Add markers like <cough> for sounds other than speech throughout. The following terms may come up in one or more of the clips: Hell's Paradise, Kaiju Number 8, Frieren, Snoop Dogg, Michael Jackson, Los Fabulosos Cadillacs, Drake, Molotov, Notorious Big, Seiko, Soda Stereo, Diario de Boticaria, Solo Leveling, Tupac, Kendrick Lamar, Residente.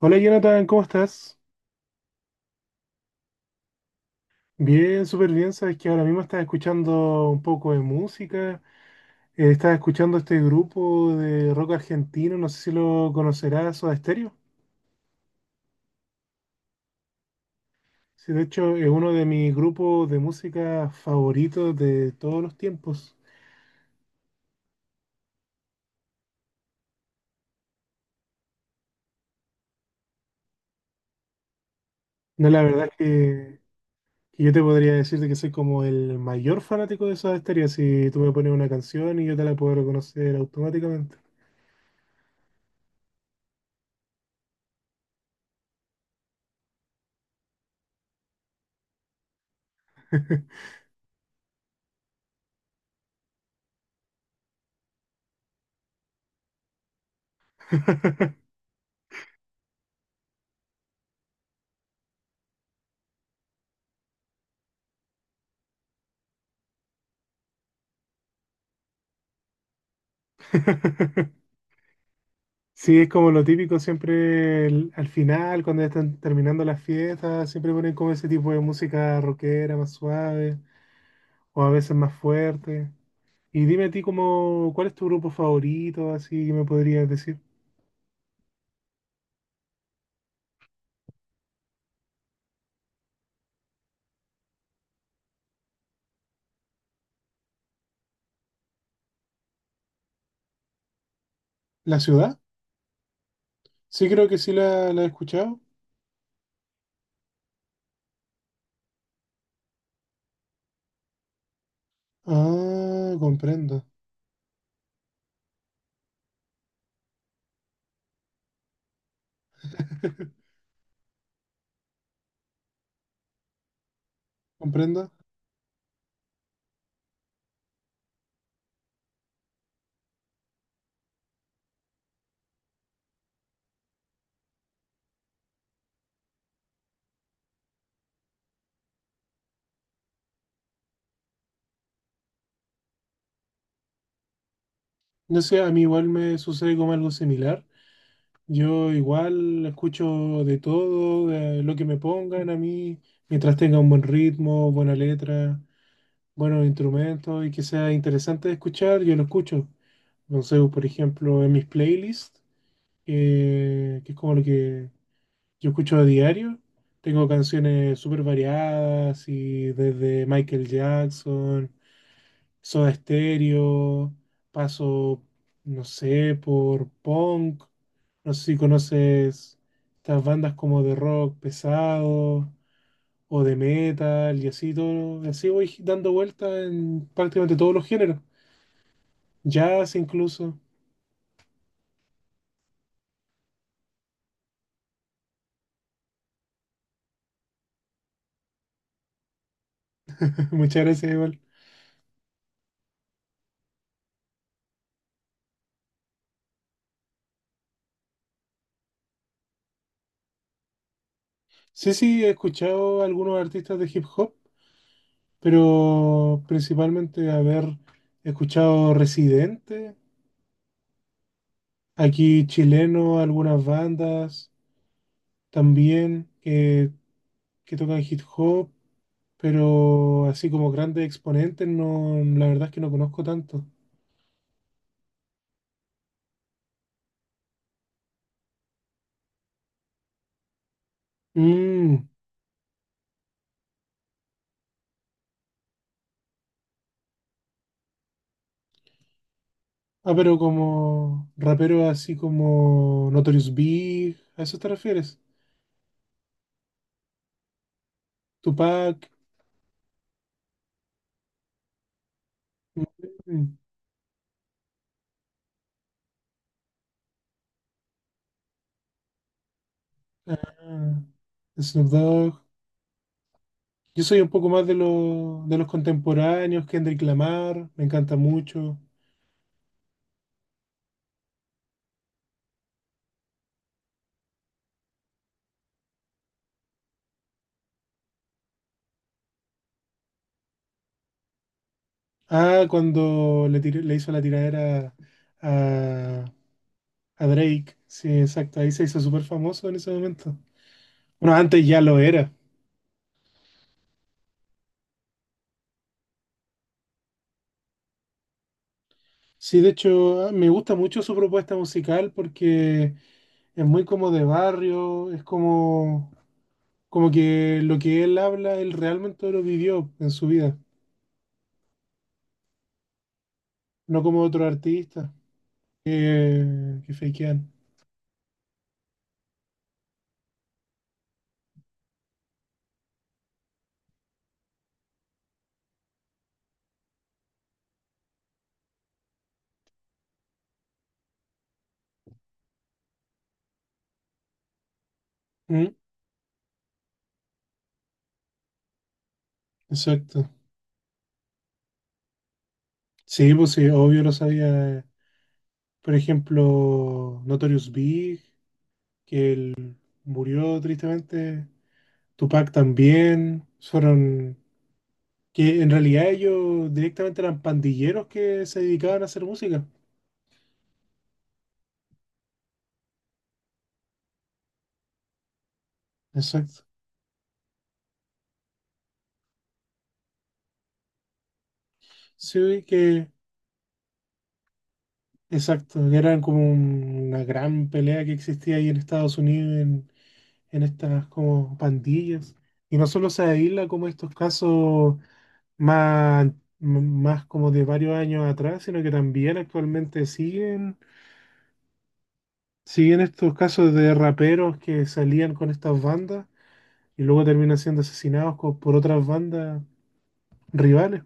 Hola Jonathan, ¿cómo estás? Bien, súper bien. Sabes que ahora mismo estás escuchando un poco de música. Estás escuchando este grupo de rock argentino, no sé si lo conocerás, Soda Stereo. Sí, de hecho es uno de mis grupos de música favoritos de todos los tiempos. No, la verdad es que yo te podría decir de que soy como el mayor fanático de Soda Stereo. Si tú me pones una canción y yo te la puedo reconocer automáticamente. <laughs> Sí, es como lo típico siempre al final, cuando ya están terminando las fiestas, siempre ponen como ese tipo de música rockera más suave o a veces más fuerte. Y dime a ti como, ¿cuál es tu grupo favorito? Así que me podrías decir. ¿La ciudad? Sí, creo que sí la he escuchado. Ah, comprendo. <laughs> Comprendo. No sé, a mí igual me sucede como algo similar. Yo igual escucho de todo, de lo que me pongan a mí, mientras tenga un buen ritmo, buena letra, buenos instrumentos y que sea interesante de escuchar, yo lo escucho. No sé, por ejemplo, en mis playlists, que es como lo que yo escucho a diario, tengo canciones súper variadas y desde Michael Jackson. Soda Stereo, paso, no sé, por punk, no sé si conoces estas bandas como de rock pesado o de metal y así todo, así voy dando vueltas en prácticamente todos los géneros, jazz incluso, <laughs> muchas gracias igual. Sí, sí, he escuchado algunos artistas de hip hop, pero principalmente haber escuchado Residente, aquí chileno, algunas bandas. También que tocan hip hop, pero así como grandes exponentes, no, la verdad es que no conozco tanto. Mm. Ah, pero como raperos así como Notorious Big, ¿a eso te refieres? Tupac, mm, ah, Snoop Dogg. Yo soy un poco más de los de los contemporáneos, Kendrick Lamar, me encanta mucho. Ah, cuando le, le hizo la tiradera a, A Drake, sí, exacto, ahí se hizo súper famoso en ese momento. Bueno, antes ya lo era. Sí, de hecho, me gusta mucho su propuesta musical porque es muy como de barrio, es como, como que lo que él habla, él realmente lo vivió en su vida, no como otros artistas que fakean. Mm. Exacto. Sí, pues sí, obvio lo sabía. Por ejemplo, Notorious Big, que él murió tristemente. Tupac también fueron, que en realidad ellos directamente eran pandilleros que se dedicaban a hacer música. Exacto. Sí, que, exacto, eran como una gran pelea que existía ahí en Estados Unidos, en estas como pandillas. Y no solo se aísla como estos casos más, más como de varios años atrás, sino que también actualmente siguen estos casos de raperos que salían con estas bandas y luego terminan siendo asesinados por otras bandas rivales.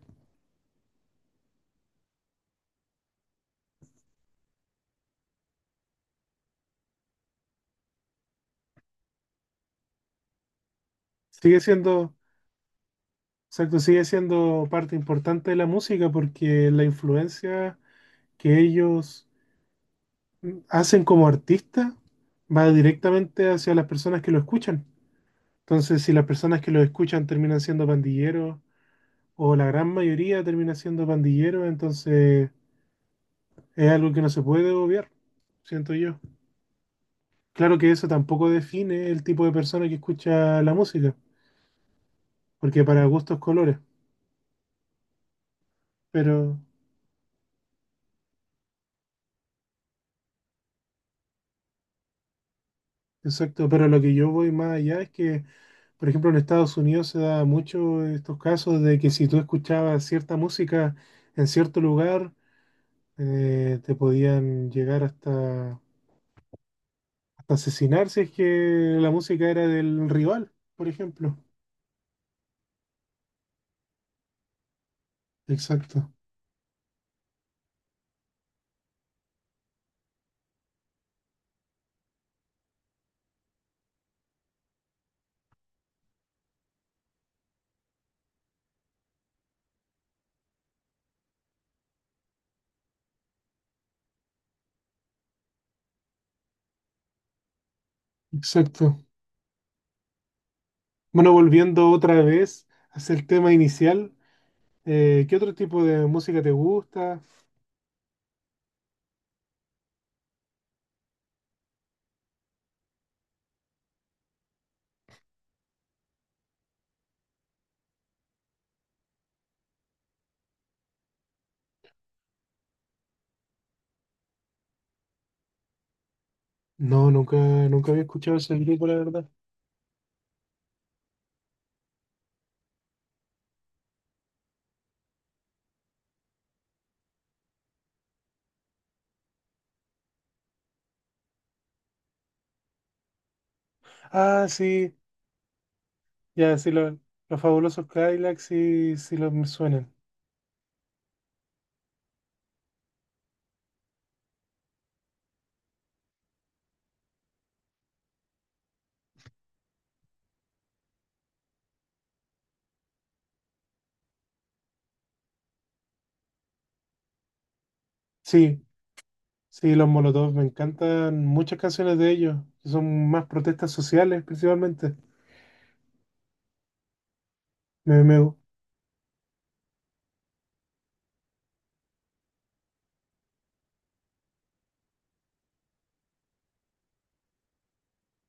Sigue siendo, exacto, sigue siendo parte importante de la música porque la influencia que ellos hacen como artistas va directamente hacia las personas que lo escuchan. Entonces, si las personas que lo escuchan terminan siendo pandilleros, o la gran mayoría termina siendo pandilleros, entonces es algo que no se puede obviar, siento yo. Claro que eso tampoco define el tipo de persona que escucha la música. Porque para gustos colores. Pero, exacto, pero lo que yo voy más allá es que, por ejemplo, en Estados Unidos se da mucho estos casos de que si tú escuchabas cierta música en cierto lugar, te podían llegar hasta asesinar si es que la música era del rival, por ejemplo. Exacto, exacto. Bueno, volviendo otra vez hacia el tema inicial, ¿qué otro tipo de música te gusta? No, nunca, nunca había escuchado ese grupo, la verdad. Ah, sí. Ya, sí, los fabulosos Cadillacs sí, sí los me suenan. Sí, sí, los Molotov, me encantan muchas canciones de ellos, que son más protestas sociales principalmente. Me, me-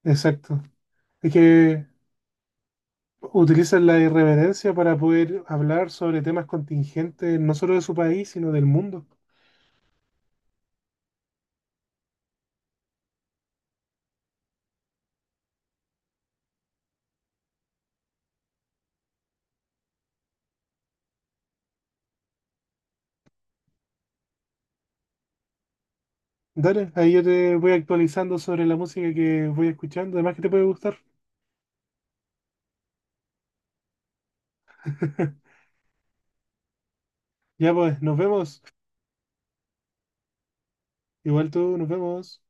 exacto. Es que utilizan la irreverencia para poder hablar sobre temas contingentes, no solo de su país, sino del mundo. Dale, ahí yo te voy actualizando sobre la música que voy escuchando, además que te puede gustar. <laughs> Ya pues, nos vemos. Igual tú, nos vemos.